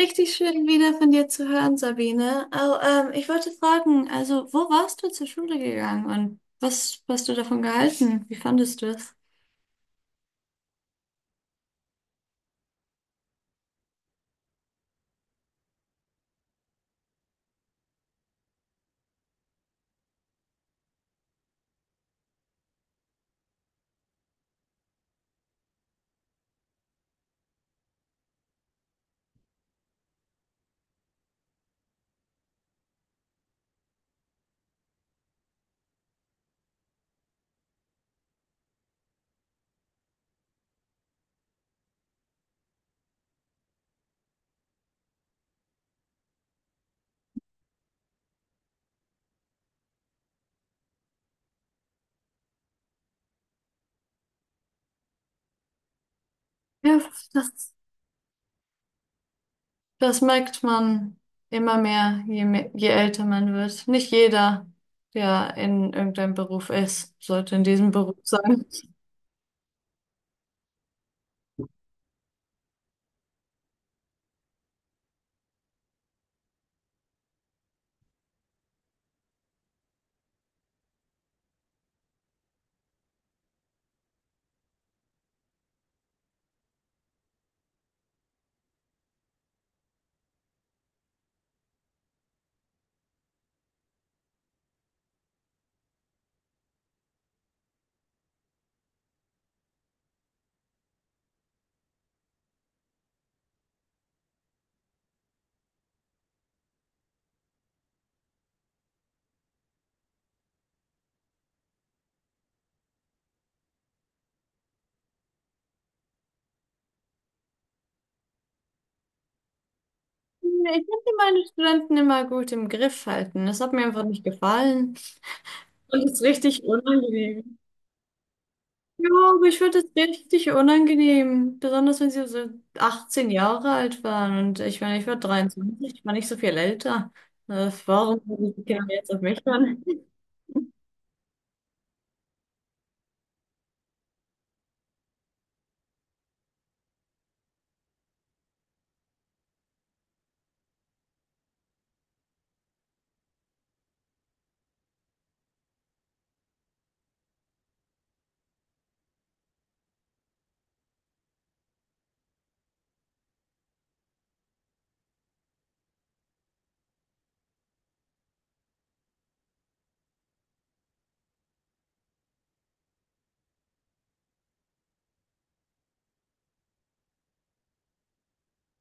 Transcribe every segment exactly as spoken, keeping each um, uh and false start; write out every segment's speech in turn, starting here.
Richtig schön wieder von dir zu hören, Sabine. Oh, ähm, Ich wollte fragen, also wo warst du zur Schule gegangen und was hast du davon gehalten? Wie fandest du es? Ja, das, das merkt man immer mehr, je, me- je älter man wird. Nicht jeder, der in irgendeinem Beruf ist, sollte in diesem Beruf sein. Nee, ich konnte meine Studenten immer gut im Griff halten. Das hat mir einfach nicht gefallen und es ist richtig unangenehm. Ja, aber ich fand das richtig unangenehm. Besonders wenn sie so achtzehn Jahre alt waren. Und ich meine, ich war dreiundzwanzig, ich war nicht so viel älter. Äh, Warum sollen die Kinder jetzt auf mich hören?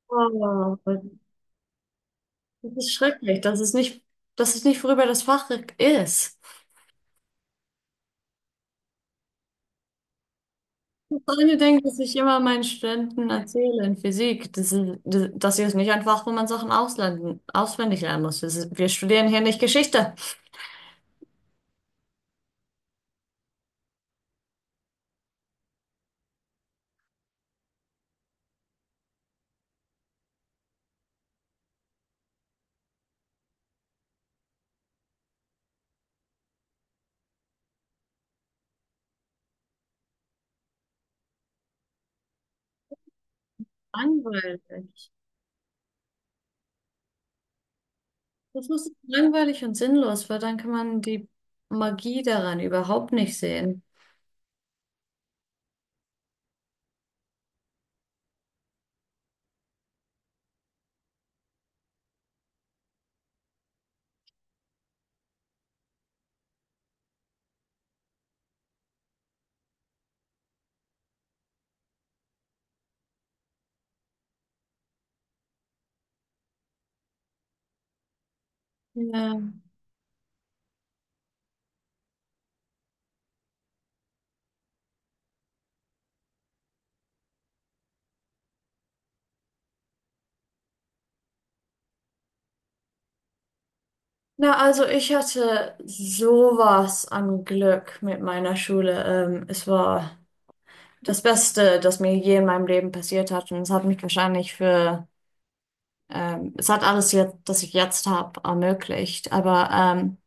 Oh, das ist schrecklich. Das ist nicht, das ist nicht, worüber das Fach ist. Freunde denken, dass ich immer meinen Studenten erzähle in Physik, das ist, das, das hier ist nicht ein Fach, wo man Sachen auslernen, auswendig lernen muss. Das ist, wir studieren hier nicht Geschichte. Langweilig. Das ist langweilig und sinnlos, weil dann kann man die Magie daran überhaupt nicht sehen. Ja. Na, also ich hatte sowas an Glück mit meiner Schule. Ähm, es war das Beste, das mir je in meinem Leben passiert hat. Und es hat mich wahrscheinlich für, ähm, es hat alles jetzt, das ich jetzt habe, ermöglicht. Aber ähm,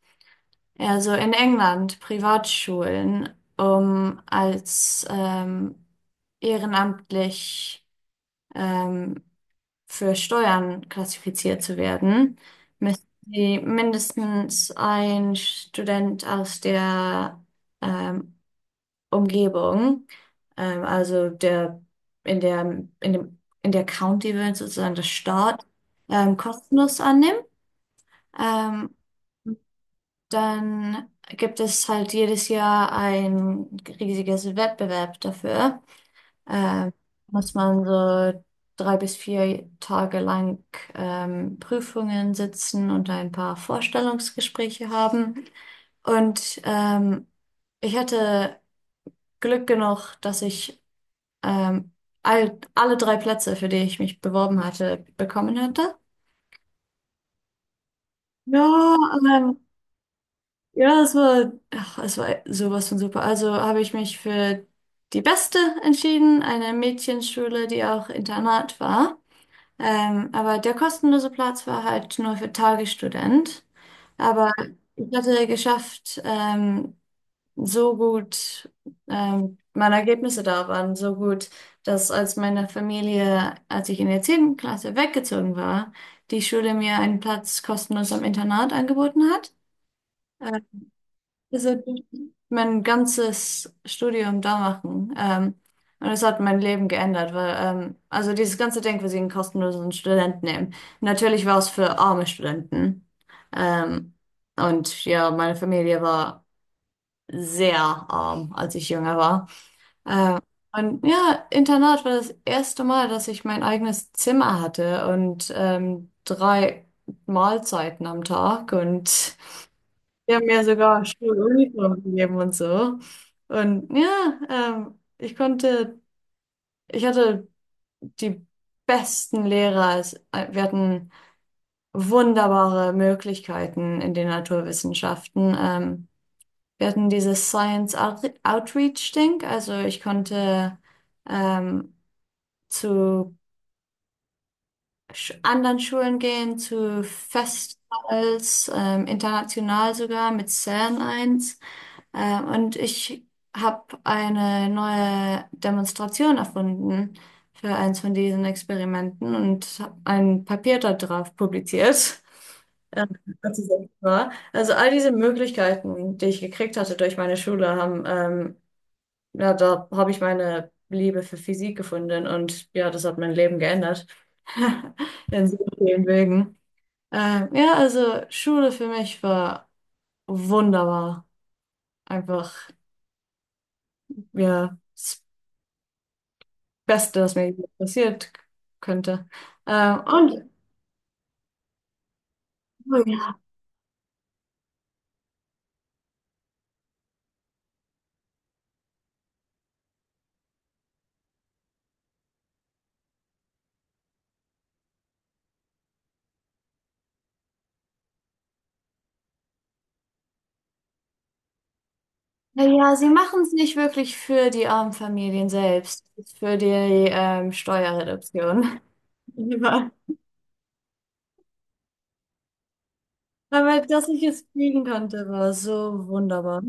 ja, so in England, Privatschulen, um als ähm, ehrenamtlich ähm, für Steuern klassifiziert zu werden, müssen Sie mindestens ein Student aus der ähm, Umgebung, ähm, also der in der in dem in der County wird sozusagen der Staat ähm, kostenlos annehmen. Ähm, Dann gibt es halt jedes Jahr ein riesiges Wettbewerb dafür. Ähm, Muss man so drei bis vier Tage lang ähm, Prüfungen sitzen und ein paar Vorstellungsgespräche haben. Und ähm, ich hatte Glück genug, dass ich ähm, all, alle drei Plätze, für die ich mich beworben hatte, bekommen hatte. Ja, ähm, ja, es war, ach, es war sowas von super. Also habe ich mich für die beste entschieden, eine Mädchenschule, die auch Internat war. Ähm, aber der kostenlose Platz war halt nur für Tagesstudent. Aber ich hatte geschafft, ähm, so gut, ähm, meine Ergebnisse da waren so gut, dass als meine Familie, als ich in der zehnten Klasse weggezogen war, die Schule mir einen Platz kostenlos am Internat angeboten hat. Äh, also ich hab mein ganzes Studium da machen. Ähm, und es hat mein Leben geändert, weil, ähm, also dieses ganze Denkwesen kostenlosen Studenten nehmen. Natürlich war es für arme Studenten. Ähm, und ja, meine Familie war sehr arm, als ich jünger war. Ähm, und ja, Internat war das erste Mal, dass ich mein eigenes Zimmer hatte und ähm, drei Mahlzeiten am Tag und die haben mir sogar Schuluniform gegeben und so. Und ja, ähm, ich konnte, ich hatte die besten Lehrer. Es- äh, Wir hatten wunderbare Möglichkeiten in den Naturwissenschaften. Ähm, wir hatten dieses Science Out Outreach-Ding. Also ich konnte ähm, zu Sch- anderen Schulen gehen, zu Festivals, ähm, international sogar mit zern eins. Ähm, und ich habe eine neue Demonstration erfunden für eins von diesen Experimenten und hab ein Papier da drauf publiziert. Ähm, als es war. Also all diese Möglichkeiten, die ich gekriegt hatte durch meine Schule, haben ähm, ja, da habe ich meine Liebe für Physik gefunden und ja, das hat mein Leben geändert. In so vielen Wegen. Ähm, ja, also Schule für mich war wunderbar. Einfach, ja, das Beste, was mir je passiert könnte. Ähm, und, oh ja, na ja, sie machen es nicht wirklich für die armen Familien selbst, für die ähm, Steuerreduktion. Lieber. Aber dass ich es kriegen konnte, war so wunderbar.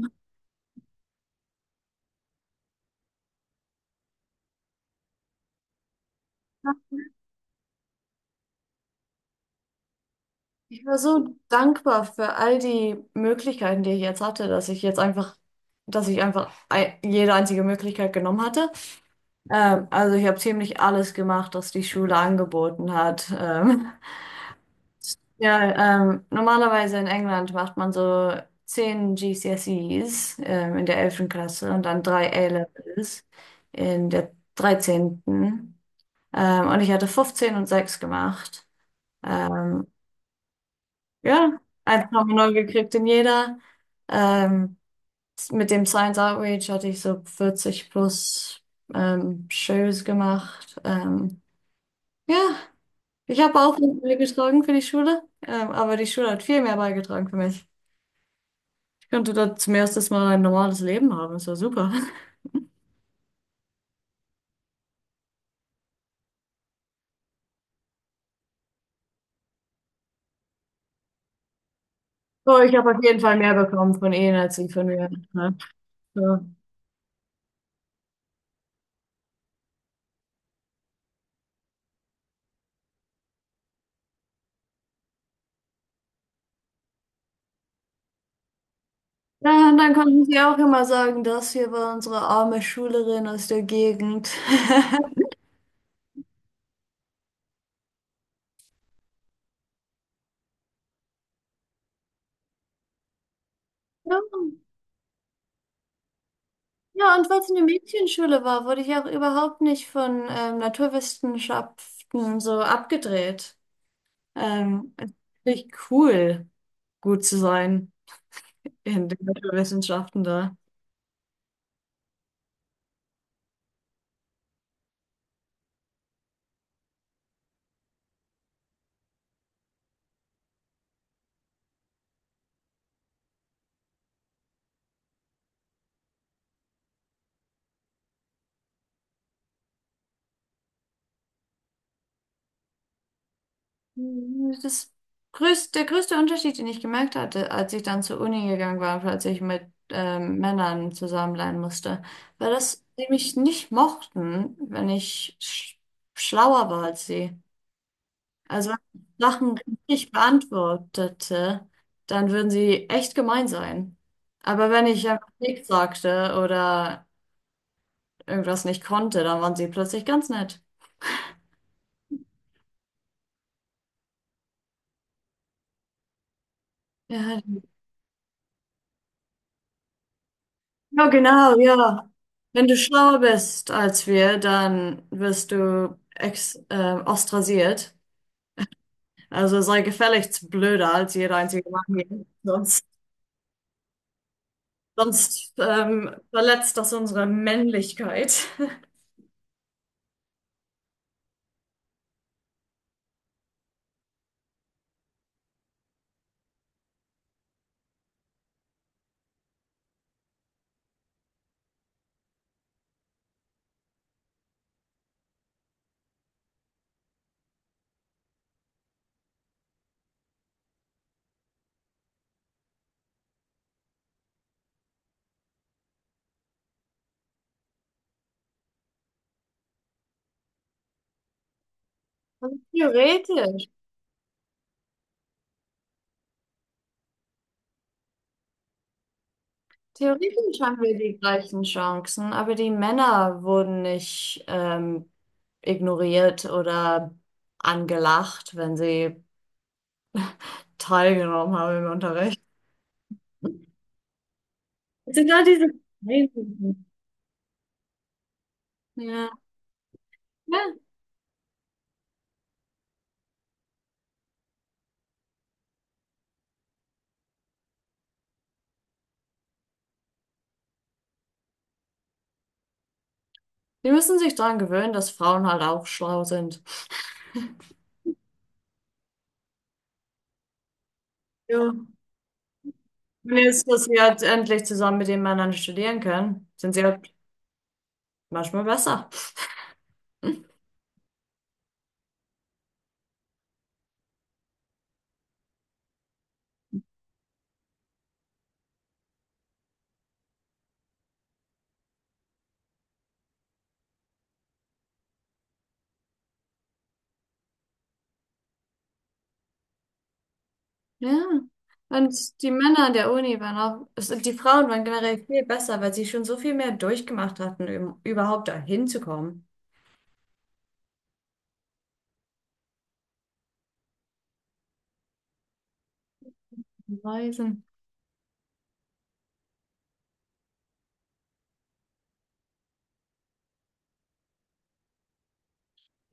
Ich war so dankbar für all die Möglichkeiten, die ich jetzt hatte, dass ich jetzt einfach, dass ich einfach ei- jede einzige Möglichkeit genommen hatte. Ähm, also ich habe ziemlich alles gemacht, was die Schule angeboten hat. Ähm, ja, ähm, normalerweise in England macht man so zehn G C S Es ähm, in der elften Klasse und dann drei A-Levels in der dreizehnten. Ähm, und ich hatte fünfzehn und sechs gemacht. Ähm, Ja, eins Komma neun gekriegt in jeder. Ähm, mit dem Science Outreach hatte ich so vierzig plus ähm, Shows gemacht. Ähm, ja, ich habe auch nicht beigetragen für die Schule, ähm, aber die Schule hat viel mehr beigetragen für mich. Ich konnte dort zum ersten Mal ein normales Leben haben. Das war super. So, ich habe auf jeden Fall mehr bekommen von ihnen als sie von mir. Ne? So. Ja, und dann konnten sie auch immer sagen, das hier war unsere arme Schülerin aus der Gegend. Ja. Ja, und weil es eine Mädchenschule war, wurde ich auch überhaupt nicht von ähm, Naturwissenschaften so abgedreht. Ähm, es ist richtig cool, gut zu sein in den Naturwissenschaften da. Das größte, Der größte Unterschied, den ich gemerkt hatte, als ich dann zur Uni gegangen war, als ich mit ähm, Männern zusammen lernen musste, war, dass sie mich nicht mochten, wenn ich sch schlauer war als sie. Also wenn man Sachen richtig beantwortete, dann würden sie echt gemein sein. Aber wenn ich einfach nichts sagte oder irgendwas nicht konnte, dann waren sie plötzlich ganz nett. Ja, ja, genau, ja. Wenn du schlauer bist als wir, dann wirst du ex äh, ostrasiert. Also sei gefälligst blöder als jeder einzige Mann hier. Sonst, sonst ähm, verletzt das unsere Männlichkeit. Theoretisch. Theoretisch haben wir die gleichen Chancen, aber die Männer wurden nicht ähm, ignoriert oder angelacht, wenn sie teilgenommen haben im Unterricht. Es sind all diese Kleinigkeiten. Ja. Ja. Die müssen sich daran gewöhnen, dass Frauen halt auch schlau sind. Ja. Und jetzt, dass sie halt endlich zusammen mit den Männern studieren können, sind sie halt manchmal besser. Hm. Ja. Und die Männer an der Uni waren auch, es- die Frauen waren generell viel besser, weil sie schon so viel mehr durchgemacht hatten, um überhaupt dahin zu kommen. Reisen.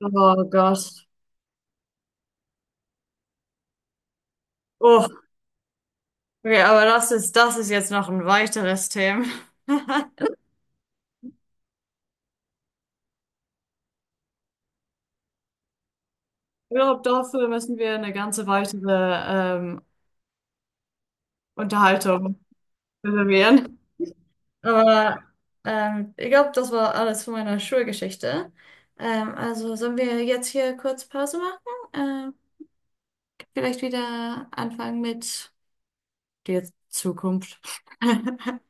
Oh Gott. Oh, okay, aber das ist, das ist jetzt noch ein weiteres Thema. Ich glaube, dafür müssen wir eine ganze weitere ähm, Unterhaltung reservieren. Aber ähm, ich glaube, das war alles von meiner Schulgeschichte. Ähm, also sollen wir jetzt hier kurz Pause machen? Ähm, Vielleicht wieder anfangen mit der Zukunft.